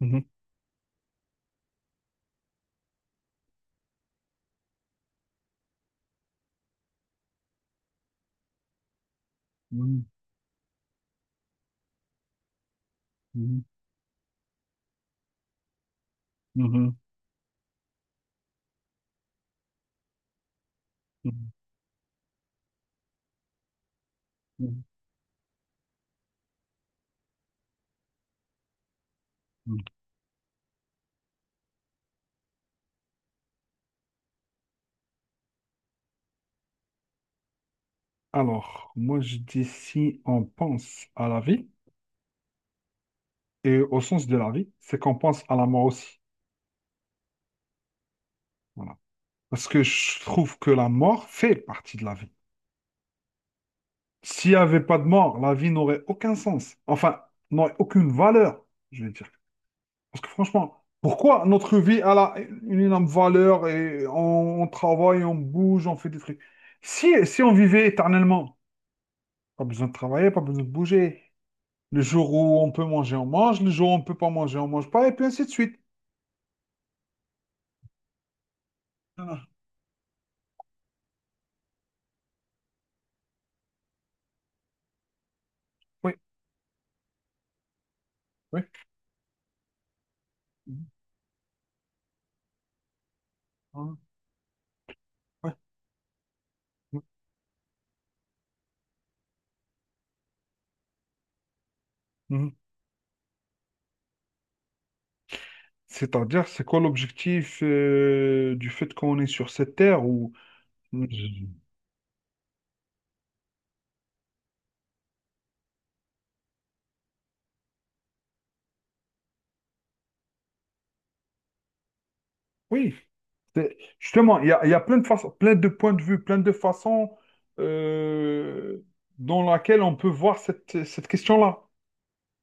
Mhm, mhm, mhm, mhm, mhm, mhm, mhm. Alors, moi je dis si on pense à la vie, et au sens de la vie, c'est qu'on pense à la mort aussi. Voilà. Parce que je trouve que la mort fait partie de la vie. S'il n'y avait pas de mort, la vie n'aurait aucun sens. Enfin, n'aurait aucune valeur, je vais dire. Parce que franchement, pourquoi notre vie elle a une énorme valeur et on travaille, on bouge, on fait des trucs. Si on vivait éternellement, pas besoin de travailler, pas besoin de bouger. Le jour où on peut manger, on mange. Le jour où on ne peut pas manger, on ne mange pas. Et puis ainsi de suite. Ah, oui, oui. Mhm. Ah, ouais, oui. Mhm. C'est-à-dire, c'est quoi l'objectif du fait qu'on est sur cette terre où. Oui, justement, il y a plein de façons, plein de points de vue, plein de façons euh, dans laquelle on peut voir cette question-là.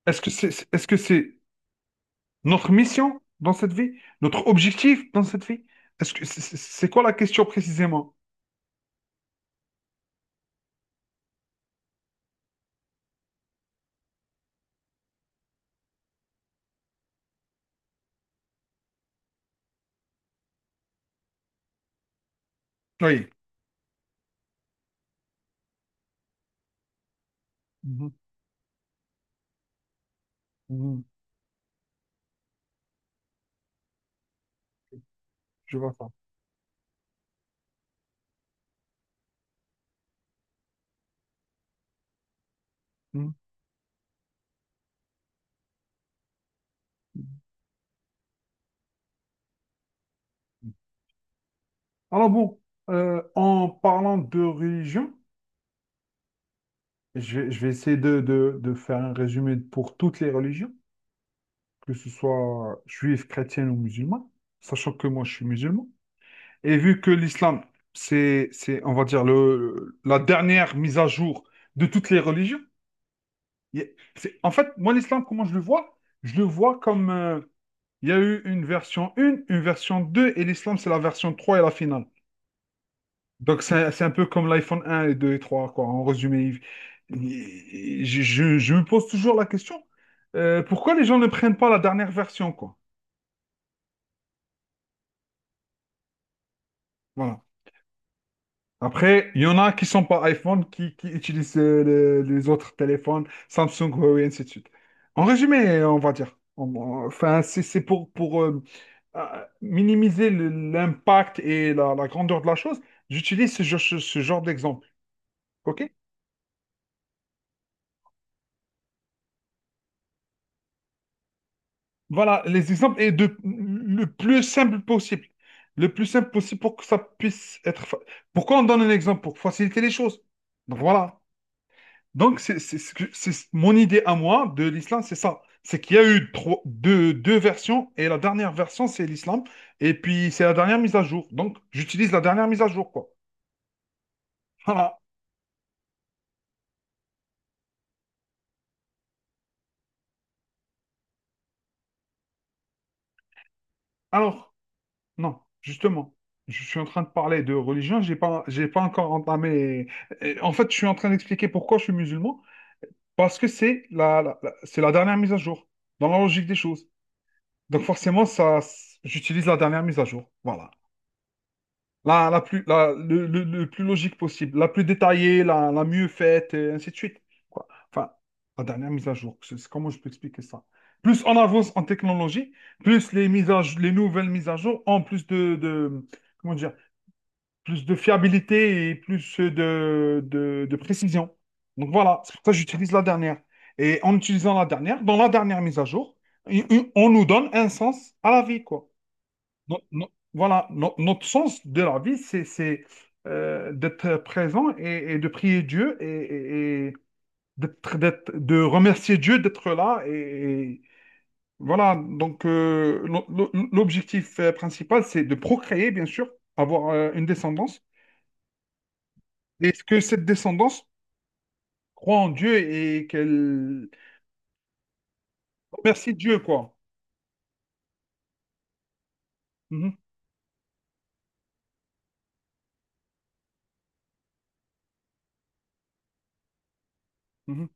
Est-ce que est-ce que c'est notre mission dans cette vie? Notre objectif dans cette vie? Est-ce que c'est quoi la question précisément? Oui. Mhm, mhm, je vois ça. Mhm. Alors bon, en parlant de religion, je vais essayer de faire un résumé pour toutes les religions, que ce soit juif, chrétienne ou musulman, sachant que moi je suis musulman. Et vu que l'islam, c'est, on va dire, la dernière mise à jour de toutes les religions, il y a- c'est- en fait, moi l'islam, comment je le vois? Je le vois comme, il y a eu une version 1, une version 2, et l'islam, c'est la version 3 et la finale. Donc, c'est un peu comme l'iPhone un et 2 et 3 quoi. En résumé, je me pose toujours la question, pourquoi les gens ne prennent pas la dernière version, quoi? Voilà. Après, il y en a qui sont pas iPhone, qui utilisent les autres téléphones, Samsung, Huawei, et ainsi de suite. En résumé, on va dire. Enfin, c'est pour minimiser l'impact et la grandeur de la chose, j'utilise ce genre d'exemple. OK? Voilà, les exemples et de le plus simple possible. Le plus simple possible pour que ça puisse être. Pourquoi on donne un exemple? Pour faciliter les choses. Donc voilà. Donc c'est mon idée à moi de l'islam, c'est ça. C'est qu'il y a eu trois, deux versions et la dernière version, c'est l'islam. Et puis c'est la dernière mise à jour. Donc j'utilise la dernière mise à jour, quoi. Voilà. Alors, non, justement. Je suis en train de parler de religion, j'ai pas encore entamé. En fait, je suis en train d'expliquer pourquoi je suis musulman. Parce que c'est c'est la dernière mise à jour, dans la logique des choses. Donc forcément, ça, j'utilise la dernière mise à jour. Voilà. La plus, la- le plus logique possible, la plus détaillée, la mieux faite, et ainsi de suite. Quoi. Enfin, la dernière mise à jour. Comment je peux expliquer ça? Plus on avance en technologie, plus les les nouvelles mises à jour ont plus comment dire, plus de fiabilité et plus de précision. Donc voilà, c'est pour ça que j'utilise la dernière. Et en utilisant la dernière, dans la dernière mise à jour, on nous donne un sens à la vie, quoi. No- no- voilà, notre sens de la vie, c'est d'être présent et de prier Dieu et de remercier Dieu d'être là. Et voilà, donc l'objectif principal, c'est de procréer, bien sûr, avoir une descendance. Est-ce que cette descendance croit en Dieu et qu'elle remercie Dieu, quoi? Mhm, mhm,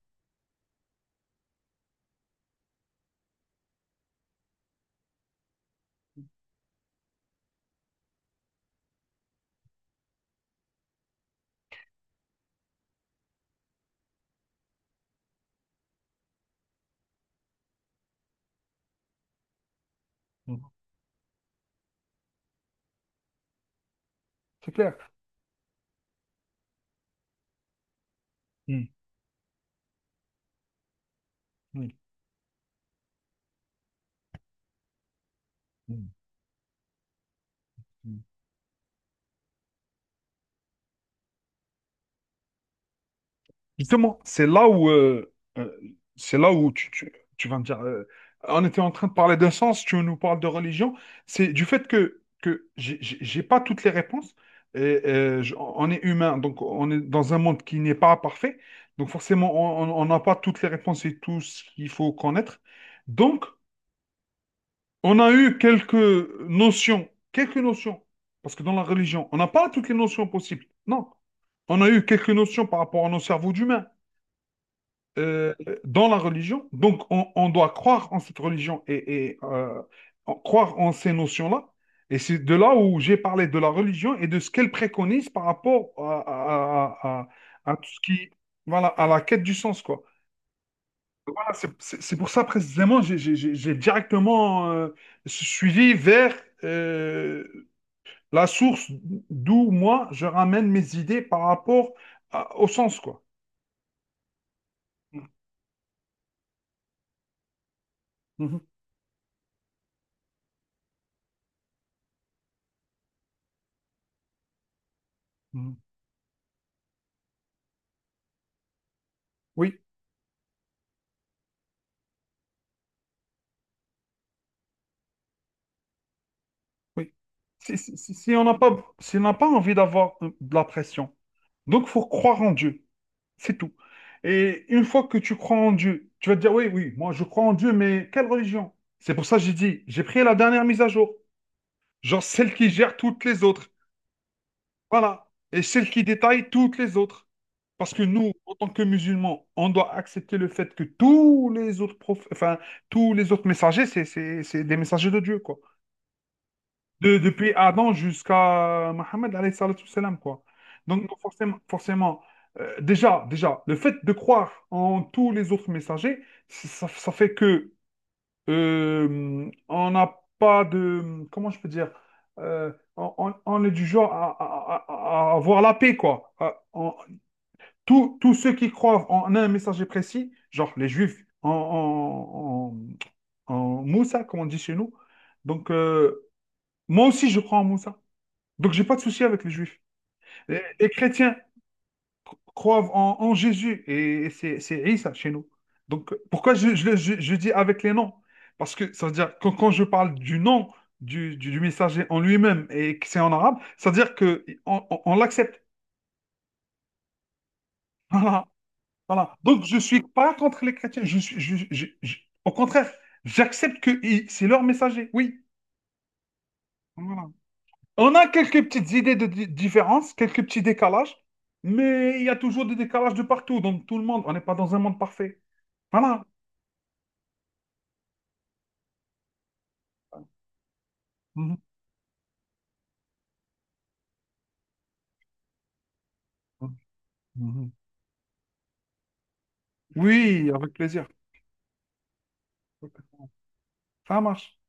mhm. C'est clair. Mhm, oui, mhm, mhm. Justement, euh, c'est là où tu vas me dire, on était en train de parler d'un sens, tu nous parles de religion, c'est du fait que, j'ai pas toutes les réponses, et, on est humain, donc on est dans un monde qui n'est pas parfait, donc forcément on n'a pas toutes les réponses et tout ce qu'il faut connaître. Donc, on a eu quelques notions, parce que dans la religion, on n'a pas toutes les notions possibles. Non, on a eu quelques notions par rapport à nos cerveaux d'humains euh, dans la religion. Donc, on doit croire en cette religion et croire en ces notions-là. Et c'est de là où j'ai parlé de la religion et de ce qu'elle préconise par rapport à tout ce qui, voilà, à la quête du sens, quoi. Voilà, c'est pour ça précisément j'ai directement suivi vers euh, la source d'où moi je ramène mes idées par rapport au sens, quoi. Mhm, mhm. Oui, oui. Si, si- si- si on n'a pas, si on n'a pas envie d'avoir de la pression, donc faut croire en Dieu, c'est tout. Et une fois que tu crois en Dieu, tu vas te dire, oui, oui, moi je crois en Dieu, mais quelle religion? C'est pour ça que j'ai dit, j'ai pris la dernière mise à jour, genre celle qui gère toutes les autres. Voilà. Et celle qui détaille toutes les autres. Parce que nous, en tant que musulmans, on doit accepter le fait que tous les autres prophètes, enfin, tous les autres messagers, c'est des messagers de Dieu, quoi. Depuis Adam jusqu'à Mohammed, alayhi salatu wassalam, quoi. Donc, forcément, forcément déjà, déjà, le fait de croire en tous les autres messagers, ça fait que on n'a pas de. Comment je peux dire? On est du genre à, à avoir la paix, quoi. Tous ceux qui croient en un messager précis, genre les Juifs en Moussa, comme on dit chez nous. Donc, moi aussi, je crois en Moussa. Donc, j'ai pas de souci avec les Juifs. Les chrétiens, croient en Jésus et c'est Isa chez nous. Donc, pourquoi je dis avec les noms? Parce que ça veut dire, quand je parle du nom du messager en lui-même et que c'est en arabe, ça veut dire que on l'accepte. Voilà, voilà. Donc, je ne suis pas contre les chrétiens. Je suis, je- au contraire, j'accepte que c'est leur messager. Oui. Voilà. On a quelques petites idées de différence, quelques petits décalages, mais il y a toujours des décalages de partout, dans tout le monde. On n'est pas dans un monde parfait. Voilà. Mhm. Oui, avec plaisir. Ok. Ça marche.